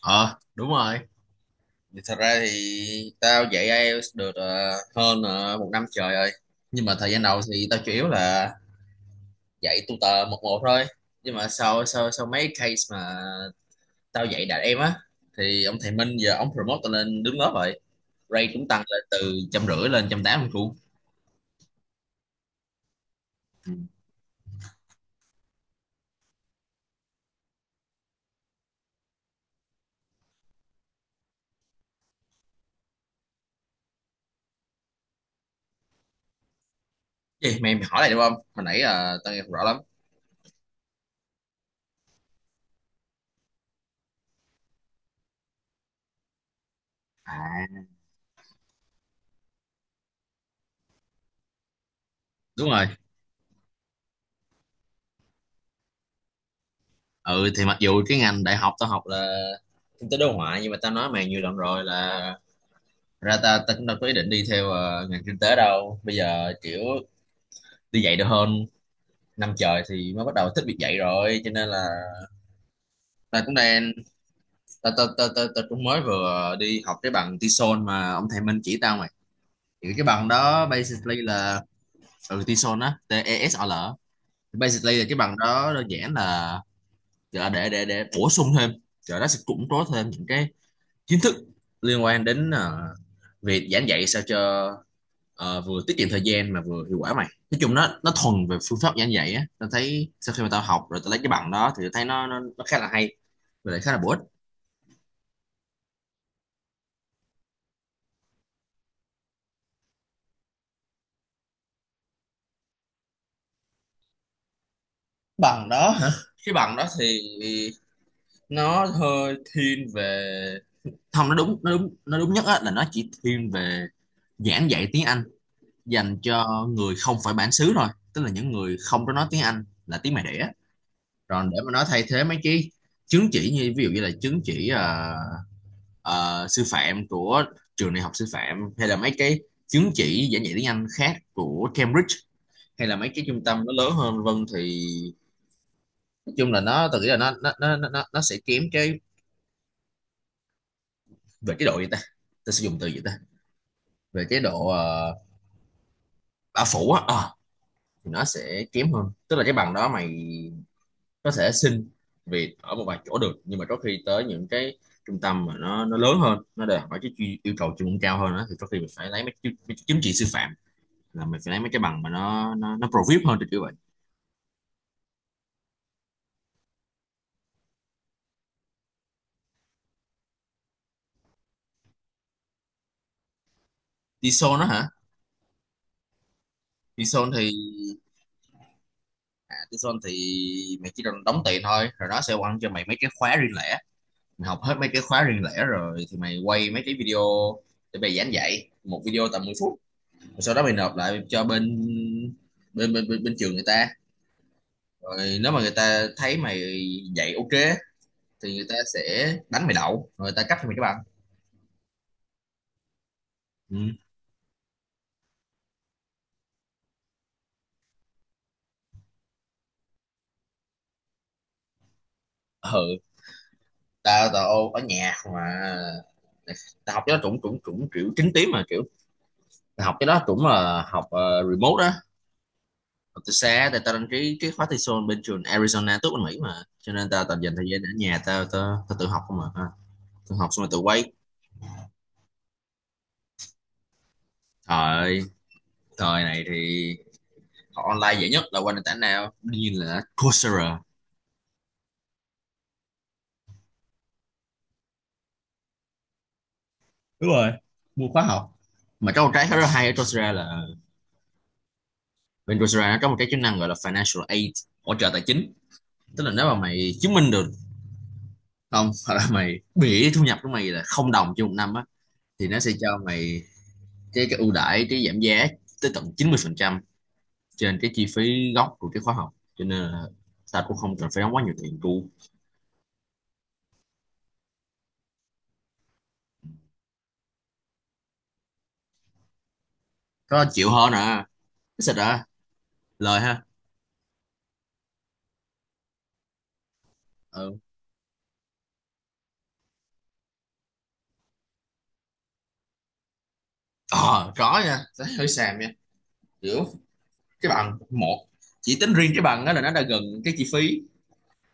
Ờ Đúng rồi. Thì thật ra thì tao dạy IELTS được hơn một năm trời rồi. Nhưng mà thời gian đầu thì tao chủ yếu là dạy tutor một một thôi. Nhưng mà sau sau sau mấy case mà tao dạy đạt em á thì ông thầy Minh giờ ông promote tao lên đứng lớp rồi. Rate cũng tăng lên từ 150 lên 180 luôn. Gì mày mày, hỏi lại được không, hồi nãy tao nghe không rõ lắm. À đúng rồi. Ừ thì mặc dù cái ngành đại học tao học là kinh tế đối ngoại, nhưng mà tao nói mày nhiều lần rồi là ra ta ta cũng đâu có ý định đi theo ngành kinh tế đâu. Bây giờ kiểu đi dạy được hơn năm trời thì mới bắt đầu thích việc dạy rồi, cho nên là ta cũng đang, ta ta ta ta, ta cũng mới vừa đi học cái bằng TESOL mà ông thầy Minh chỉ tao mày. Thì cái bằng đó basically là ừ, TESOL á, TESOL á. Basically là cái bằng đó đơn giản là để bổ sung thêm, rồi nó sẽ củng cố thêm những cái kiến thức liên quan đến việc giảng dạy sao cho vừa tiết kiệm thời gian mà vừa hiệu quả. Mày nói chung nó thuần về phương pháp giảng dạy á. Tao thấy sau khi mà tao học rồi tao lấy cái bằng đó thì tao thấy nó khá là hay và lại khá là bổ ích. Bằng đó hả? Cái bằng đó thì nó hơi thiên về, không, nó đúng nhất á là nó chỉ thiên về giảng dạy tiếng Anh dành cho người không phải bản xứ thôi. Tức là những người không có nói tiếng Anh là tiếng mẹ đẻ. Còn để mà nó thay thế mấy cái chứng chỉ, như ví dụ như là chứng chỉ sư phạm của trường đại học sư phạm, hay là mấy cái chứng chỉ giảng dạy tiếng Anh khác của Cambridge, hay là mấy cái trung tâm nó lớn hơn vân thì nói chung là nó, tôi nghĩ là nó sẽ kém cái về cái độ gì ta, ta sử dụng từ gì ta, về cái độ bao phủ á. Ờ, thì nó sẽ kém hơn. Tức là cái bằng đó mày có thể xin việc ở một vài chỗ được, nhưng mà có khi tới những cái trung tâm mà nó lớn hơn, nó đòi hỏi cái yêu cầu chuyên môn cao hơn đó, thì có khi mình phải lấy mấy, mấy cái chứng chỉ sư phạm, là mình phải lấy mấy cái bằng mà nó pro vip hơn, thì kiểu vậy. Tison đó hả? Tison thì à, Tison thì mày chỉ cần đóng tiền thôi, rồi nó sẽ quăng cho mày mấy cái khóa riêng lẻ. Mày học hết mấy cái khóa riêng lẻ rồi thì mày quay mấy cái video, để mày giảng dạy một video tầm 10 phút, rồi sau đó mày nộp lại cho bên bên bên bên, bên trường người ta. Rồi nếu mà người ta thấy mày dạy ok thì người ta sẽ đánh mày đậu, rồi người ta cấp cho mày cái bằng. Ừ. Ừ, tao tao ở nhà mà. Tao học cho nó cũng cũng cũng kiểu chính tím mà, kiểu tao học cái đó cũng là học remote đó, học từ xa. Tại tao đăng ký cái khóa thi sol bên trường Arizona tốt bên Mỹ mà, cho nên tao toàn dành thời gian ở nhà. Tao tao, tao tự học không mà, tự học xong rồi tự quay. Thời thời này thì học online dễ nhất là qua nền tảng nào? Đương nhiên là Coursera. Đúng rồi, mua khóa học. Mà có một cái khá là hay ở Coursera là bên Coursera nó có một cái chức năng gọi là financial aid, hỗ trợ tài chính. Tức là nếu mà mày chứng minh được, không, hoặc là mày bị thu nhập của mày là không đồng trên một năm á, thì nó sẽ cho mày cái ưu đãi, cái giảm giá tới tận 90% trên cái chi phí gốc của cái khóa học. Cho nên là tao cũng không cần phải đóng quá nhiều tiền tu. Có chịu hơn à? Cái xịt à, lời ha. Ừ, ờ có nha, tao hơi xàm nha. Kiểu cái bằng một, chỉ tính riêng cái bằng đó là nó đã gần cái chi phí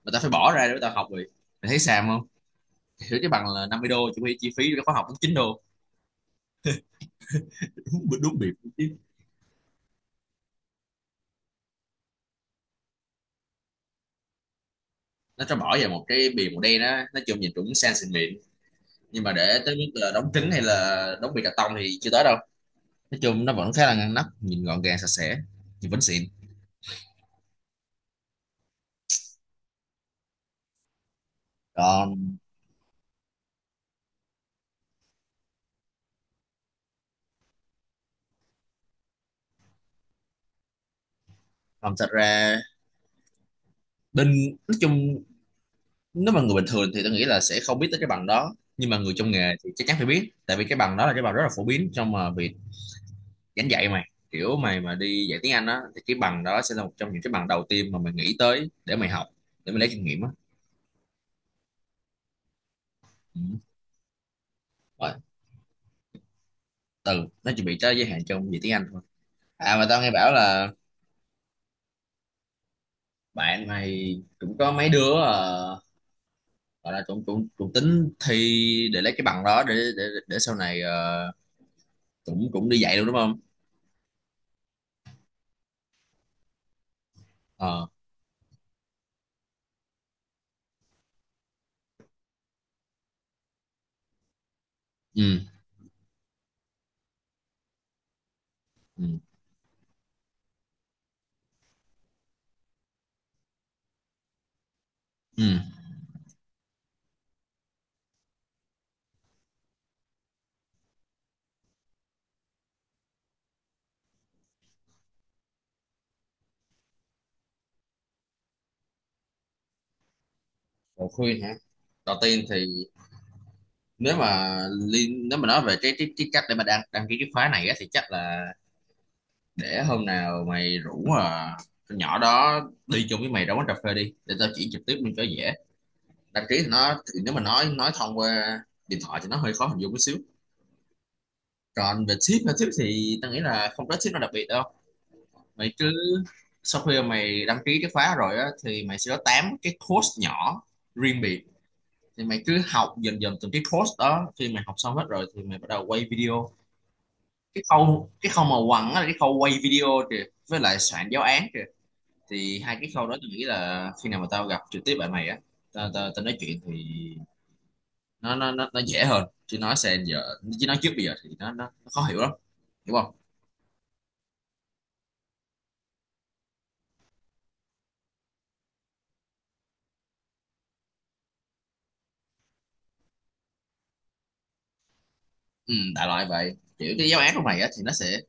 mà tao phải bỏ ra để tao học rồi. Mày thấy xàm không? Hiểu, cái bằng là 50 đô, chuẩn bị chi phí cho khóa học cũng 9 đô. Đúng, đúng bịp. Nó cho bỏ vào một cái bìa màu đen á, nói chung nhìn cũng sang xịn mịn. Nhưng mà để tới mức là đóng kính hay là đóng bìa cà tông thì chưa tới đâu. Nói chung nó vẫn khá là ngăn nắp, nhìn gọn gàng sạch sẽ. Nhìn vẫn xịn. Còn phòng thật ra bên, nói chung nếu mà người bình thường thì tôi nghĩ là sẽ không biết tới cái bằng đó, nhưng mà người trong nghề thì chắc chắn phải biết. Tại vì cái bằng đó là cái bằng rất là phổ biến trong việc giảng dạy mày. Kiểu mày mà đi dạy tiếng Anh á thì cái bằng đó sẽ là một trong những cái bằng đầu tiên mà mày nghĩ tới để mày học, để mày lấy kinh nghiệm á. Ừ. Rồi, từ nó chỉ bị tới giới hạn trong việc tiếng Anh thôi. À mà tao nghe bảo là bạn mày cũng có mấy đứa gọi là cũng cũng cũng tính thi để lấy cái bằng đó để sau này cũng cũng đi dạy luôn, đúng không? Ờ. Ừ. Ừ. Ừ. Lời khuyên hả? Đầu tiên thì nếu mà liên, nếu mà nói về cái cách để mà đăng đăng ký cái khóa này á, thì chắc là để hôm nào mày rủ con nhỏ đó đi chung với mày ra quán cà phê đi, để tao chỉ trực tiếp luôn cho dễ. Đăng ký thì nó thì nếu mà nói thông qua điện thoại thì nó hơi khó hình dung một xíu. Còn về ship mà ship thì tao nghĩ là không có ship nào đặc biệt đâu. Mày cứ sau khi mà mày đăng ký cái khóa rồi á thì mày sẽ có 8 cái course nhỏ riêng biệt. Thì mày cứ học dần dần từng cái course đó, khi mày học xong hết rồi thì mày bắt đầu quay video. Cái khâu mà quăng á là cái khâu quay video kìa, với lại soạn giáo án kìa. Thì hai cái khâu đó tôi nghĩ là khi nào mà tao gặp trực tiếp bạn mày á, tao tao tao nói chuyện thì nó dễ hơn, chứ nói xem giờ, chứ nói trước bây giờ thì nó khó hiểu lắm, hiểu không? Ừ, đại loại vậy. Kiểu cái giáo án trong này á, thì nó sẽ,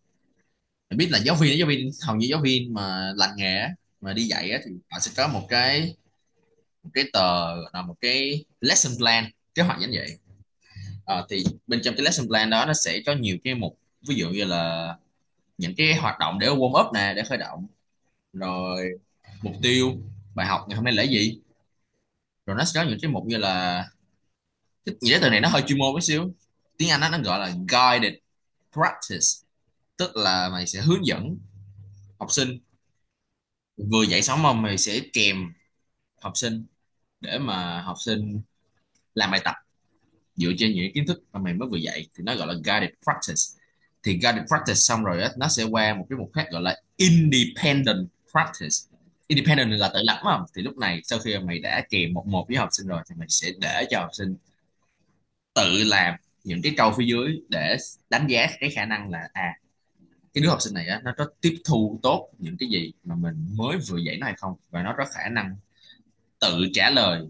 mình biết là giáo viên, giáo viên hầu như giáo viên mà lành nghề á, mà đi dạy á, thì họ sẽ có một cái, một cái tờ gọi là một cái lesson plan, kế hoạch giảng dạy. Ờ, thì bên trong cái lesson plan đó nó sẽ có nhiều cái mục, ví dụ như là những cái hoạt động để warm up nè, để khởi động. Rồi mục tiêu bài học ngày hôm nay là gì, rồi nó sẽ có những cái mục như là, cái nghĩa từ này nó hơi chuyên môn một xíu, tiếng Anh á, nó gọi là guided practice. Tức là mày sẽ hướng dẫn học sinh, vừa dạy sống ông mày sẽ kèm học sinh để mà học sinh làm bài tập dựa trên những kiến thức mà mày mới vừa dạy, thì nó gọi là guided practice. Thì guided practice xong rồi á, nó sẽ qua một cái mục khác gọi là independent practice. Independent là tự lập mà, thì lúc này sau khi mày đã kèm một một với học sinh rồi thì mày sẽ để cho học sinh tự làm những cái câu phía dưới để đánh giá cái khả năng là à, cái đứa học sinh này á, nó có tiếp thu tốt những cái gì mà mình mới vừa dạy nó hay không, và nó có khả năng tự trả lời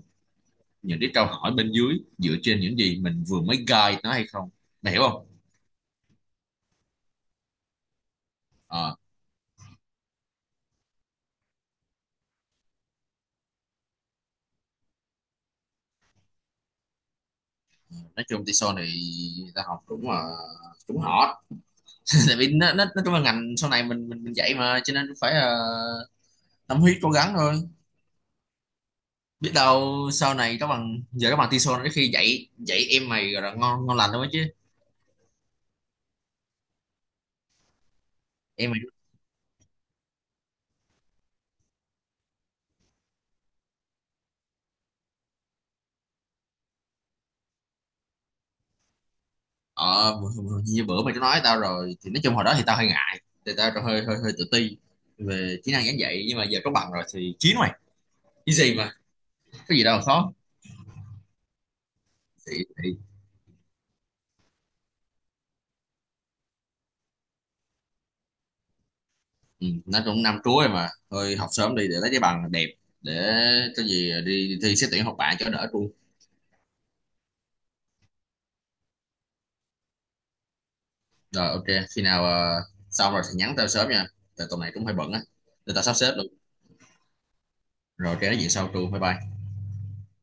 những cái câu hỏi bên dưới dựa trên những gì mình vừa mới guide nó hay không, mày hiểu không? Ờ, nói chung thì sau này ta học cũng là cũng họ tại vì nó trong là ngành sau này mình dạy mà, cho nên phải tâm huyết cố gắng thôi. Biết đâu sau này các bạn giờ các bạn TESOL này khi dạy dạy em mày rồi là ngon ngon lành thôi chứ. Em mày ờ như bữa mày có nói tao rồi thì nói chung hồi đó thì tao hơi ngại, thì tao hơi hơi hơi tự ti về kỹ năng giảng dạy, nhưng mà giờ có bằng rồi thì chiến mày, cái gì mà, có gì đâu khó. Thì ừ, nó cũng năm cuối rồi mà, thôi học sớm đi để lấy cái bằng đẹp, để có gì đi thi xét tuyển học bạ cho đỡ luôn. Rồi ok, khi nào xong rồi thì nhắn tao sớm nha, tại tuần này cũng hơi bận á, để tao sắp xếp luôn. Rồi cái nói chuyện sau tru, bye bye.